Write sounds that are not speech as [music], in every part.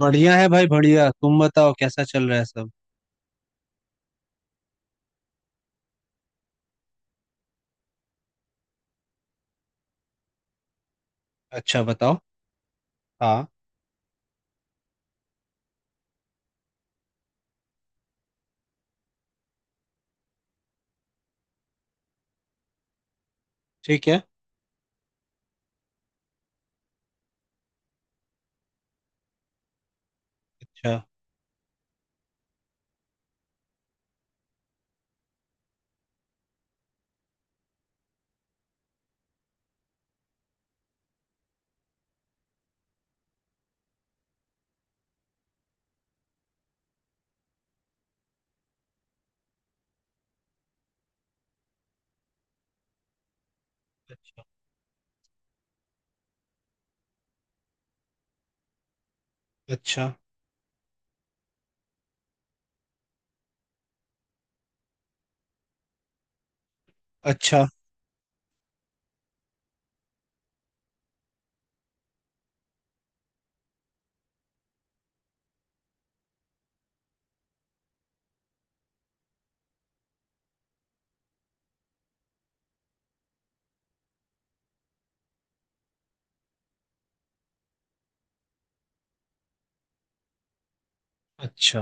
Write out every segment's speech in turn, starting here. बढ़िया है भाई बढ़िया। तुम बताओ कैसा चल रहा है सब। अच्छा बताओ। हाँ। ठीक है। अच्छा अच्छा अच्छा अच्छा।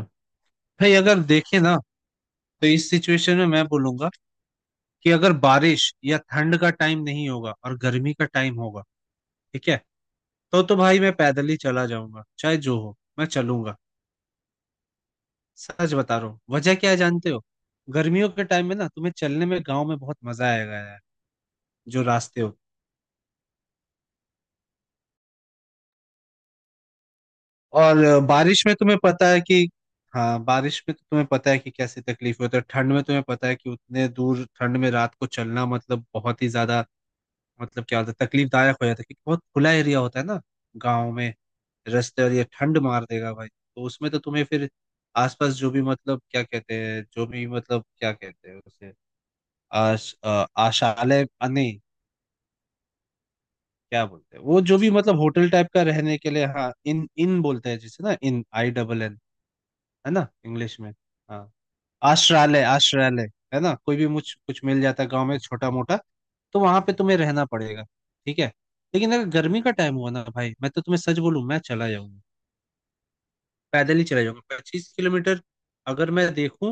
भाई अगर देखे ना तो इस सिचुएशन में मैं बोलूंगा कि अगर बारिश या ठंड का टाइम नहीं होगा और गर्मी का टाइम होगा, ठीक है, तो भाई मैं पैदल ही चला जाऊंगा, चाहे जो हो मैं चलूंगा। सच बता रहा हूँ, वजह क्या है जानते हो? गर्मियों के टाइम में ना तुम्हें चलने में गाँव में बहुत मजा आएगा यार, जो रास्ते होते। और बारिश में तुम्हें पता है कि हाँ, बारिश में तो तुम्हें पता है कि कैसी तकलीफ होती है। ठंड में तुम्हें पता है कि उतने दूर ठंड में रात को चलना मतलब बहुत ही ज्यादा मतलब क्या होता है, तकलीफदायक हो जाता है क्योंकि बहुत खुला एरिया होता है ना गाँव में रास्ते। और ये ठंड मार देगा भाई, तो उसमें तो तुम्हें फिर आसपास जो भी मतलब क्या कहते हैं जो भी मतलब क्या कहते हैं उसे आशालय नहीं, क्या बोलते हैं वो, जो भी मतलब होटल टाइप का रहने के लिए। हाँ, इन इन बोलते हैं जिसे ना, इन आई डबल एन, है ना इंग्लिश में। हाँ। आश्रालय आश्रालय है ना, कोई भी मुझ कुछ मिल जाता है गाँव में छोटा मोटा, तो वहां पे तुम्हें रहना पड़ेगा। ठीक है। लेकिन अगर गर्मी का टाइम हुआ ना भाई, मैं तो तुम्हें सच बोलूं, मैं चला जाऊंगा, पैदल ही चला जाऊंगा 25 किलोमीटर। अगर मैं देखूं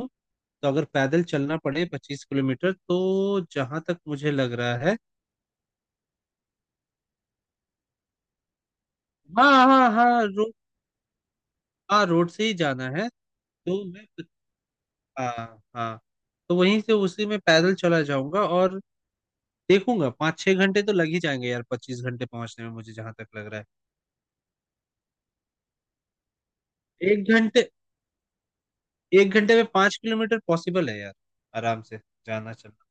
तो अगर पैदल चलना पड़े 25 किलोमीटर, तो जहां तक मुझे लग रहा है। हाँ हाँ हाँ रोड, हाँ रोड से ही जाना है। तो मैं, हाँ हाँ, तो वहीं से उसी में पैदल चला जाऊंगा और देखूंगा, पाँच छह घंटे तो लग ही जाएंगे यार, 25 घंटे पहुंचने में मुझे जहां तक लग रहा है। एक घंटे, एक घंटे में 5 किलोमीटर पॉसिबल है यार आराम से जाना चलना।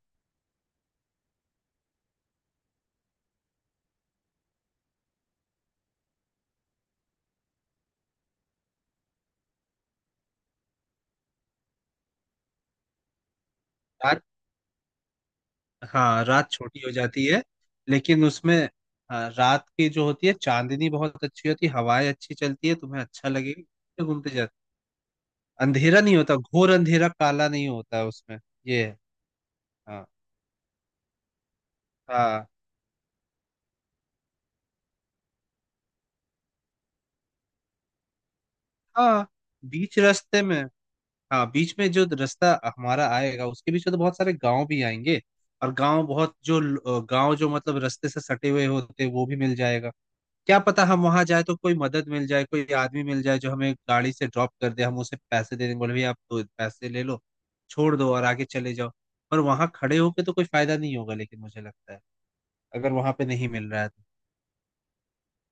रात, हाँ रात छोटी हो जाती है, लेकिन उसमें हाँ, रात की जो होती है चांदनी बहुत अच्छी होती है, हवाएं अच्छी चलती है, तुम्हें अच्छा लगेगा घूमते घूमते जाते। अंधेरा नहीं होता, घोर अंधेरा काला नहीं होता उसमें, ये है। हाँ हाँ हाँ बीच रास्ते में। हाँ बीच में जो रास्ता हमारा आएगा उसके बीच में तो बहुत सारे गांव भी आएंगे, और गांव बहुत जो गांव जो मतलब रास्ते से सटे हुए होते हैं वो भी मिल जाएगा। क्या पता हम वहां जाए तो कोई मदद मिल जाए, कोई आदमी मिल जाए जो हमें गाड़ी से ड्रॉप कर दे, हम उसे पैसे दे देंगे, बोले भैया आप दो पैसे ले लो, छोड़ दो और आगे चले जाओ। पर वहां खड़े होके तो कोई फायदा नहीं होगा, लेकिन मुझे लगता है अगर वहां पे नहीं मिल रहा है तो।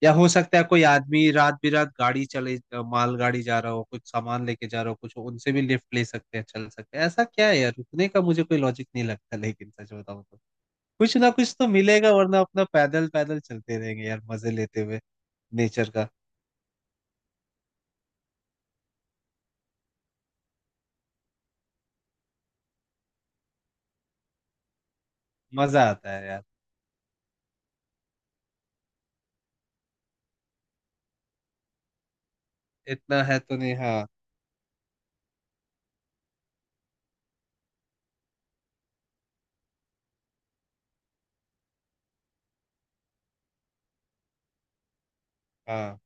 या हो सकता है कोई आदमी रात बिरात गाड़ी चले, मालगाड़ी जा रहा हो कुछ सामान लेके जा रहा हो, कुछ उनसे भी लिफ्ट ले सकते हैं, चल सकते हैं। ऐसा क्या है यार रुकने का, मुझे कोई लॉजिक नहीं लगता, लेकिन सच बताऊं तो कुछ ना कुछ तो मिलेगा, वरना अपना पैदल पैदल चलते रहेंगे यार मजे लेते हुए नेचर का। मजा आता है यार। इतना है तो नहीं, हाँ हाँ।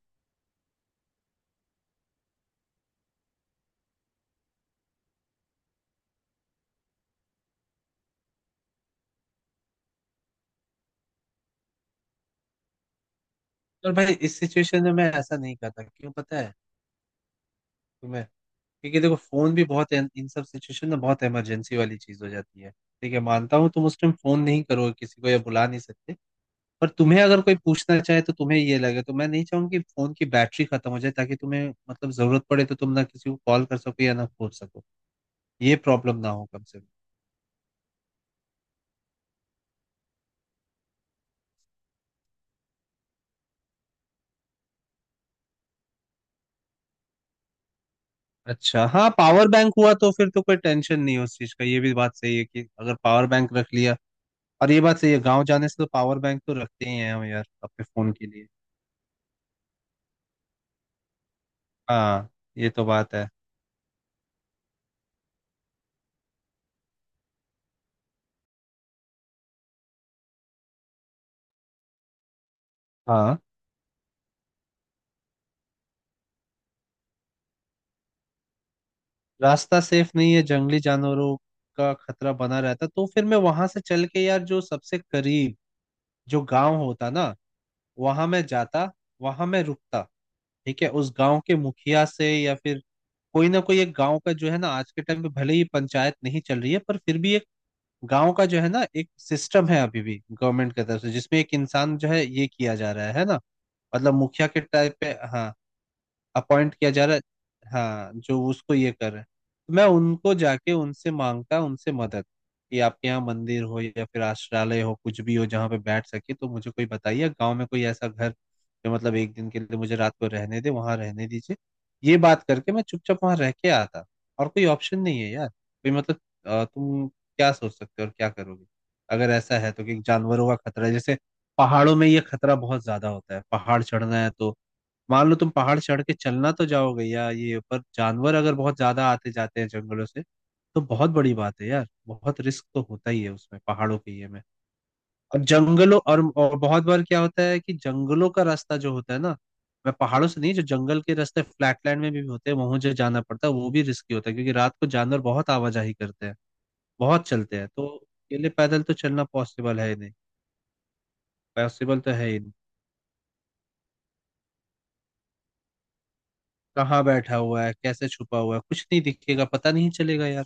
और भाई इस सिचुएशन में मैं ऐसा नहीं करता, क्यों पता है तुम्हें? क्योंकि देखो फोन भी बहुत इन इन सब सिचुएशन में बहुत इमरजेंसी वाली चीज हो जाती है। ठीक है, मानता हूँ तुम उस टाइम फोन नहीं करोगे किसी को या बुला नहीं सकते, पर तुम्हें अगर कोई पूछना चाहे तो तुम्हें ये लगे, तो मैं नहीं चाहूंगी कि फोन की बैटरी खत्म हो जाए, ताकि तुम्हें मतलब जरूरत पड़े तो तुम ना किसी को कॉल कर सको या ना खोल सको, ये प्रॉब्लम ना हो कम से कम। अच्छा हाँ, पावर बैंक हुआ तो फिर तो कोई टेंशन नहीं है उस चीज का, ये भी बात सही है कि अगर पावर बैंक रख लिया, और ये बात सही है गाँव जाने से तो पावर बैंक तो रखते ही हैं हम यार अपने फोन के लिए। हाँ। ये तो बात है। हाँ, रास्ता सेफ नहीं है, जंगली जानवरों का खतरा बना रहता तो फिर मैं वहां से चल के यार जो सबसे करीब जो गांव होता ना, वहां मैं जाता, वहां मैं रुकता। ठीक है, उस गांव के मुखिया से या फिर कोई ना कोई एक गांव का जो है ना, आज के टाइम पे भले ही पंचायत नहीं चल रही है, पर फिर भी एक गांव का जो है ना एक सिस्टम है अभी भी गवर्नमेंट की तरफ से, जिसमें एक इंसान जो है ये किया जा रहा है ना, मतलब मुखिया के टाइप पे, हाँ अपॉइंट किया जा रहा है, हाँ जो उसको ये कर रहे हैं। तो मैं उनको जाके उनसे मांगता उनसे मदद, कि आपके यहाँ मंदिर हो या फिर आश्रालय हो कुछ भी हो जहाँ पे बैठ सके, तो मुझे कोई बताइए गांव में कोई ऐसा घर जो मतलब एक दिन के लिए मुझे रात को रहने दे, वहां रहने दीजिए। ये बात करके मैं चुपचाप वहां रह के आता, और कोई ऑप्शन नहीं है यार कोई मतलब। तुम क्या सोच सकते हो और क्या करोगे अगर ऐसा है तो, कि जानवरों का खतरा है? जैसे पहाड़ों में ये खतरा बहुत ज्यादा होता है, पहाड़ चढ़ना है तो मान लो तुम पहाड़ चढ़ के चलना तो जाओगे, या ये पर जानवर अगर बहुत ज्यादा आते जाते हैं जंगलों से, तो बहुत बड़ी बात है यार, बहुत रिस्क तो होता ही है उसमें पहाड़ों के ये में। और जंगलों और बहुत बार क्या होता है कि जंगलों का रास्ता जो होता है ना, मैं पहाड़ों से नहीं, जो जंगल के रास्ते फ्लैटलैंड में भी होते हैं वहां जो जाना पड़ता है वो भी रिस्की होता है, क्योंकि रात को जानवर बहुत आवाजाही करते हैं, बहुत चलते हैं, तो के लिए पैदल तो चलना पॉसिबल है ही नहीं। पॉसिबल तो है ही नहीं। कहाँ बैठा हुआ है, कैसे छुपा हुआ है, कुछ नहीं दिखेगा पता नहीं चलेगा यार।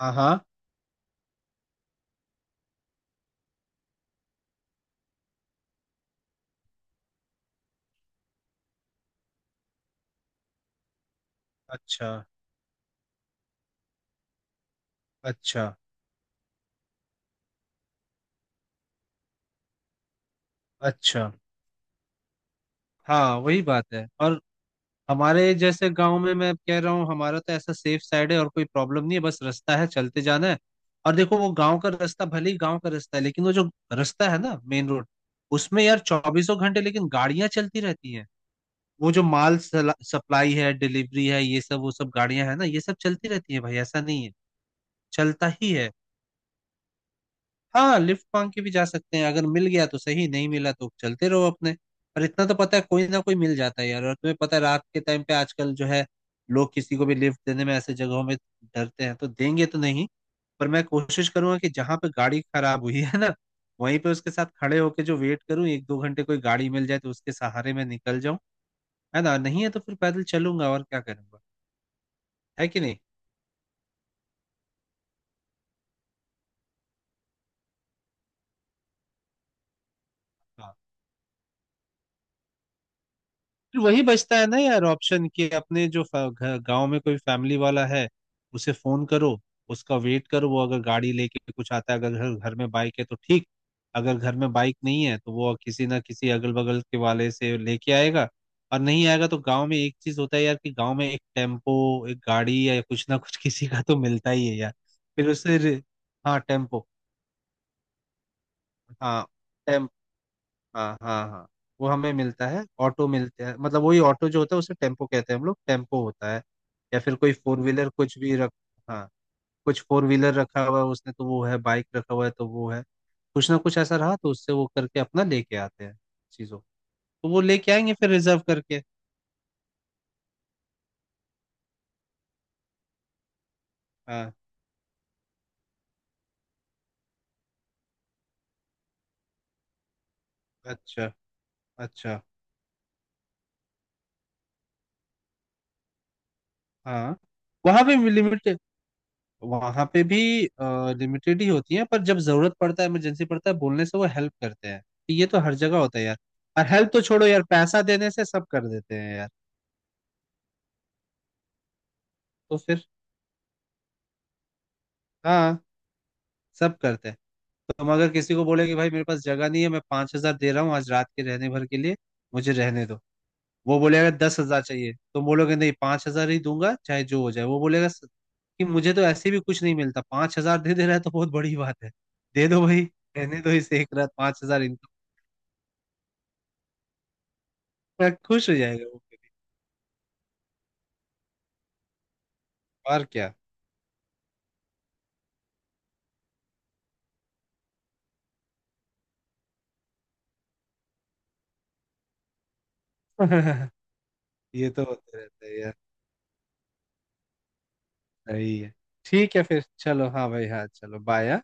हाँ हाँ। अच्छा अच्छा अच्छा। हाँ वही बात है। और हमारे जैसे गांव में मैं कह रहा हूँ, हमारा तो ऐसा सेफ साइड है, और कोई प्रॉब्लम नहीं है, बस रास्ता है चलते जाना है। और देखो वो गांव का रास्ता भले ही गांव का रास्ता है, लेकिन वो जो रास्ता है ना मेन रोड, उसमें यार चौबीसों घंटे लेकिन गाड़ियां चलती रहती हैं। वो जो माल सप्लाई है, डिलीवरी है ये सब, वो सब गाड़ियां है ना ये सब चलती रहती है भाई, ऐसा नहीं है, चलता ही है। हाँ लिफ्ट मांग के भी जा सकते हैं, अगर मिल गया तो सही, नहीं मिला तो चलते रहो अपने, पर इतना तो पता है कोई ना कोई मिल जाता है यार। और तुम्हें पता है रात के टाइम पे आजकल जो है, लोग किसी को भी लिफ्ट देने में ऐसे जगहों में डरते हैं, तो देंगे तो नहीं, पर मैं कोशिश करूंगा कि जहां पे गाड़ी खराब हुई है ना वहीं पे उसके साथ खड़े होके जो वेट करूं एक दो घंटे, कोई गाड़ी मिल जाए तो उसके सहारे मैं निकल जाऊं, है ना, नहीं है तो फिर पैदल चलूंगा, और क्या करूंगा, है कि नहीं? हाँ। फिर वही बचता है ना यार ऑप्शन कि अपने जो गांव में कोई फैमिली वाला है, उसे फोन करो, उसका वेट करो, वो अगर गाड़ी लेके कुछ आता है, अगर घर घर में बाइक है तो ठीक, अगर घर में बाइक नहीं है तो वो किसी ना किसी अगल बगल के वाले से लेके आएगा। और नहीं आएगा तो गांव में एक चीज होता है यार, कि गांव में एक टेम्पो एक गाड़ी या कुछ ना कुछ [laughs] किसी का तो मिलता ही है यार। फिर उससे हाँ टेम्पो, हाँ हाँ हाँ हाँ, वो हमें मिलता है, ऑटो मिलते हैं, मतलब वही ऑटो जो होता है उसे टेम्पो कहते हैं हम लोग, टेम्पो होता है, या फिर कोई फोर व्हीलर कुछ भी रख, हाँ कुछ फोर व्हीलर रखा हुआ है उसने तो वो है, बाइक रखा हुआ है तो वो है, कुछ ना कुछ ऐसा रहा तो उससे वो करके अपना लेके आते हैं चीज़ों, तो वो लेके आएंगे फिर रिजर्व करके। हाँ। अच्छा अच्छा। हाँ वहाँ भी लिमिट, वहां पे भी लिमिटेड ही होती है, पर जब जरूरत पड़ता है इमरजेंसी पड़ता है बोलने से वो हेल्प करते हैं। ये तो हर जगह होता है यार, और हेल्प तो छोड़ो यार, पैसा देने से सब कर देते हैं यार। तो फिर, हाँ सब करते हैं। तुम अगर किसी को बोले कि भाई मेरे पास जगह नहीं है, मैं 5 हजार दे रहा हूँ आज रात के रहने भर के लिए, मुझे रहने दो। वो बोलेगा 10 हजार चाहिए, तुम बोलोगे नहीं 5 हजार ही दूंगा चाहे जो हो जाए, वो बोलेगा कि मुझे तो ऐसे भी कुछ नहीं मिलता, 5 हजार दे दे रहा है तो बहुत बड़ी बात है, दे दो भाई रहने दो इसे एक रात 5 हजार। मैं खुश हो जाएगा वो कभी, और क्या। [laughs] ये तो होते रहता है यार। सही है। ठीक है फिर चलो, हाँ भाई, हाँ चलो बाय।